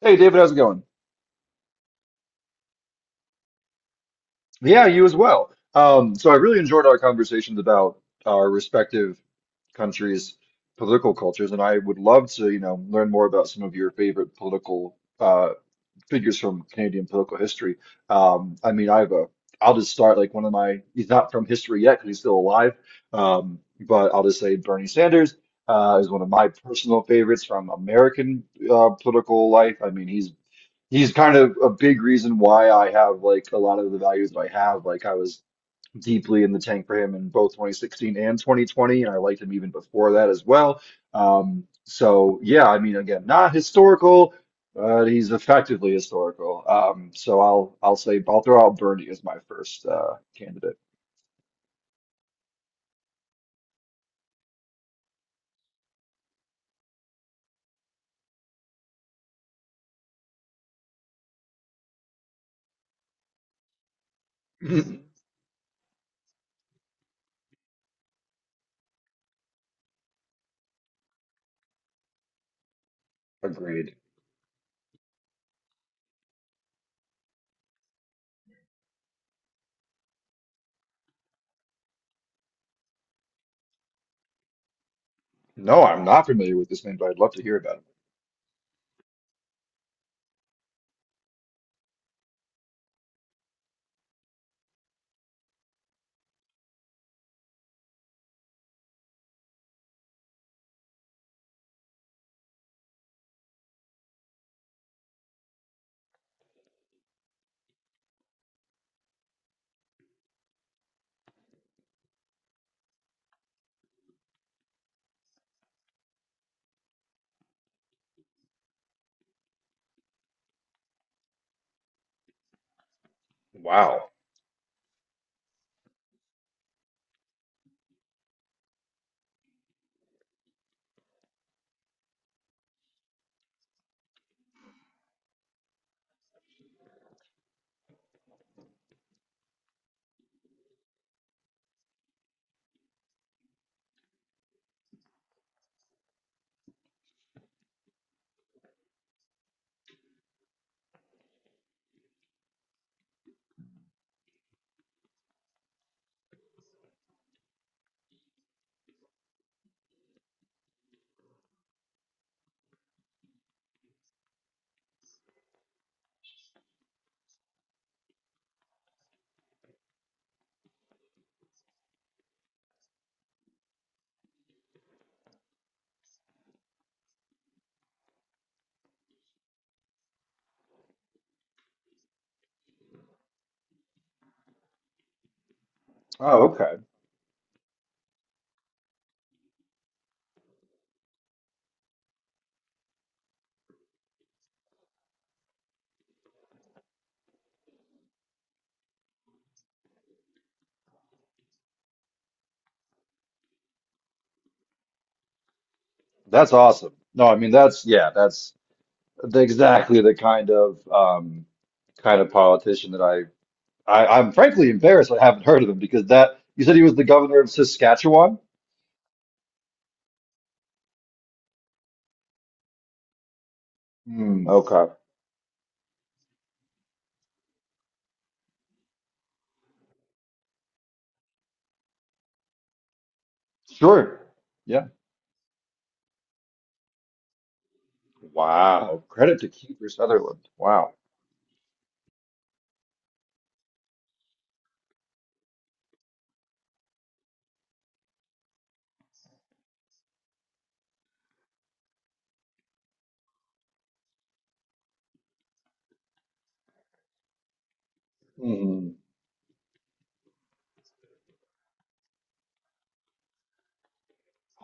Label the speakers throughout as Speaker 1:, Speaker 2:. Speaker 1: Hey David, how's it going? Yeah, you as well. So I really enjoyed our conversations about our respective countries' political cultures, and I would love to, you know, learn more about some of your favorite political figures from Canadian political history. I mean, I'll just start like one of my, he's not from history yet because he's still alive, but I'll just say Bernie Sanders is one of my personal favorites from American political life. I mean, he's kind of a big reason why I have like a lot of the values that I have. Like I was deeply in the tank for him in both 2016 and 2020, and I liked him even before that as well. So yeah, I mean, again, not historical, but he's effectively historical. So I'll throw out Bernie as my first candidate. Agreed. No, I'm not familiar with this name, but I'd love to hear about it. Wow. Oh, okay. That's awesome. No, I mean that's yeah, exactly the kind of politician that I I'm frankly embarrassed I haven't heard of him because that you said he was the governor of Saskatchewan? Hmm, okay. Sure. Yeah. Wow. Credit to Kiefer Sutherland. Wow. Hmm.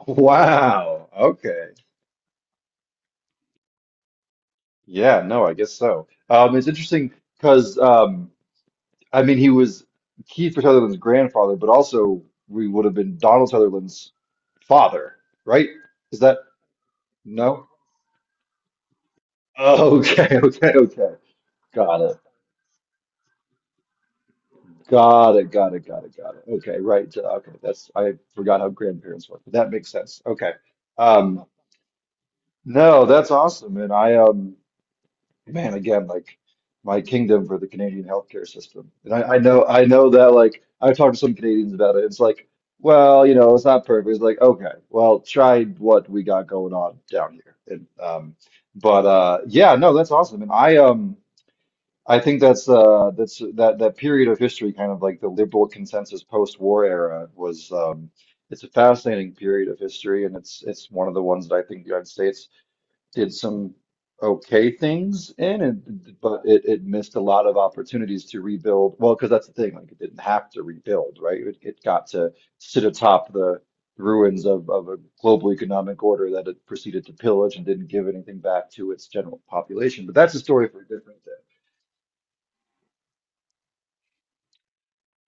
Speaker 1: Wow. Okay. Yeah, no, I guess so. It's interesting because I mean he was Kiefer Sutherland's grandfather, but also we would have been Donald Sutherland's father, right? Is that no? Oh, okay, okay, okay. Got it. Got it. Got it. Got it. Got it. Okay, right. Okay, that's I forgot how grandparents work, but that makes sense. Okay. Um, no, that's awesome. And I, man, again, like my kingdom for the Canadian healthcare system. And I know that like I've talked to some Canadians about it. It's like, well, you know, it's not perfect. It's like, okay, well, try what we got going on down here. And, but yeah, no, that's awesome. And I I think that that period of history, kind of like the liberal consensus post-war era, was it's a fascinating period of history, and it's one of the ones that I think the United States did some okay things in, and but it missed a lot of opportunities to rebuild. Well, because that's the thing, like it didn't have to rebuild, right? It got to sit atop the ruins of a global economic order that it proceeded to pillage and didn't give anything back to its general population. But that's a story for a different day.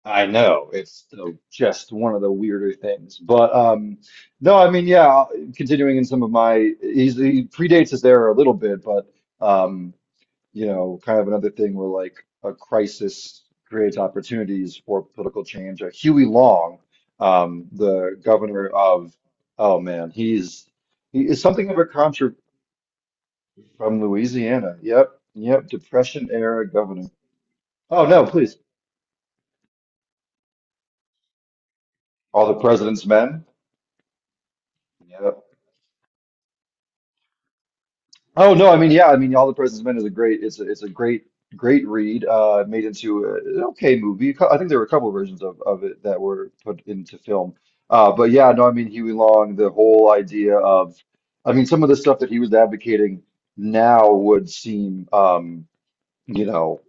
Speaker 1: I know it's the, just one of the weirder things, but no, I mean, yeah. Continuing in some of my, he predates his era a little bit, but um, you know, kind of another thing where like a crisis creates opportunities for political change. Huey Long, the governor of, oh man, he is something of a contra from Louisiana. Yep, yep, Depression era governor. Oh no, please, all the president's men. Yep. Oh no, I mean yeah, I mean All the President's Men is a great it's a great great read made into a, an okay movie. I think there were a couple of versions of it that were put into film. But yeah, no, I mean Huey Long, the whole idea of I mean some of the stuff that he was advocating now would seem you know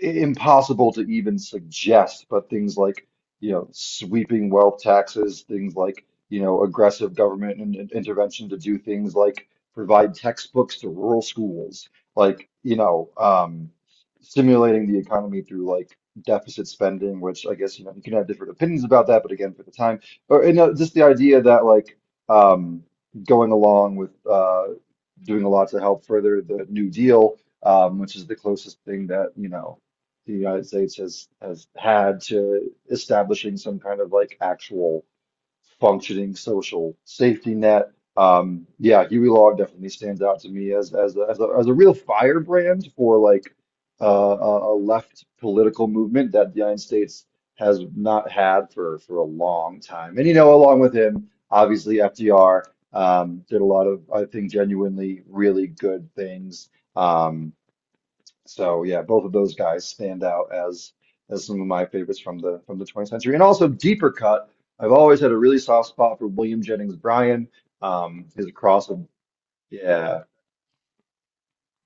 Speaker 1: impossible to even suggest, but things like, you know, sweeping wealth taxes, things like, you know, aggressive government and intervention to do things like provide textbooks to rural schools, like, you know, stimulating the economy through like deficit spending, which I guess, you know, you can have different opinions about that, but again, for the time, or, you know, just the idea that like, um, going along with, doing a lot to help further the New Deal, which is the closest thing that you know the United States has had to establishing some kind of like actual functioning social safety net. Yeah, Huey Long definitely stands out to me as as a real firebrand for like uh, a left political movement that the United States has not had for a long time. And you know, along with him, obviously FDR did a lot of I think genuinely really good things. Um, so yeah, both of those guys stand out as some of my favorites from the 20th century. And also deeper cut, I've always had a really soft spot for William Jennings Bryan. His cross of yeah,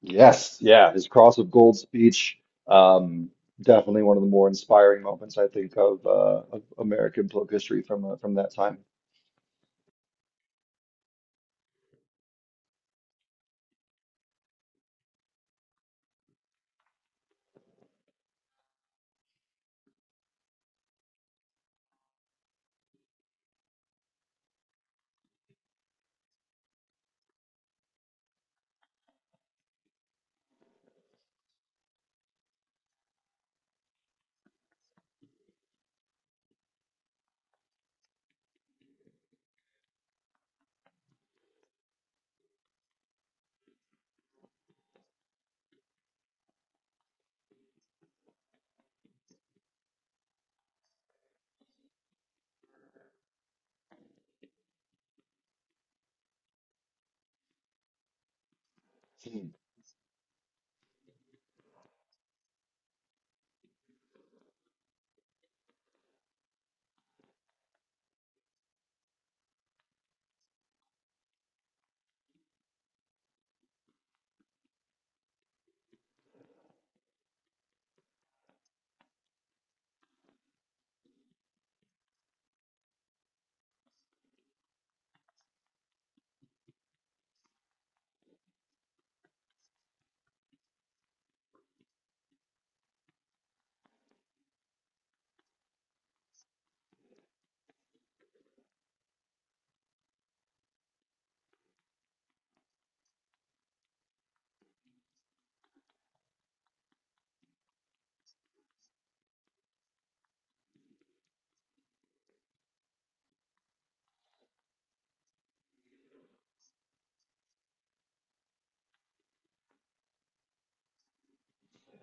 Speaker 1: yes, yeah, his cross of gold speech. Um, Definitely one of the more inspiring moments I think of American political history from that time. Hmm.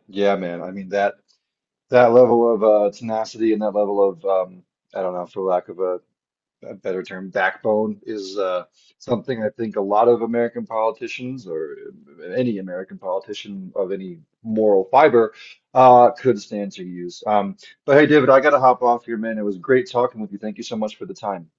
Speaker 1: Yeah, man. I mean that that level of tenacity and that level of I don't know, for lack of a better term, backbone is something I think a lot of American politicians or any American politician of any moral fiber could stand to use. But hey, David, I got to hop off here, man. It was great talking with you. Thank you so much for the time.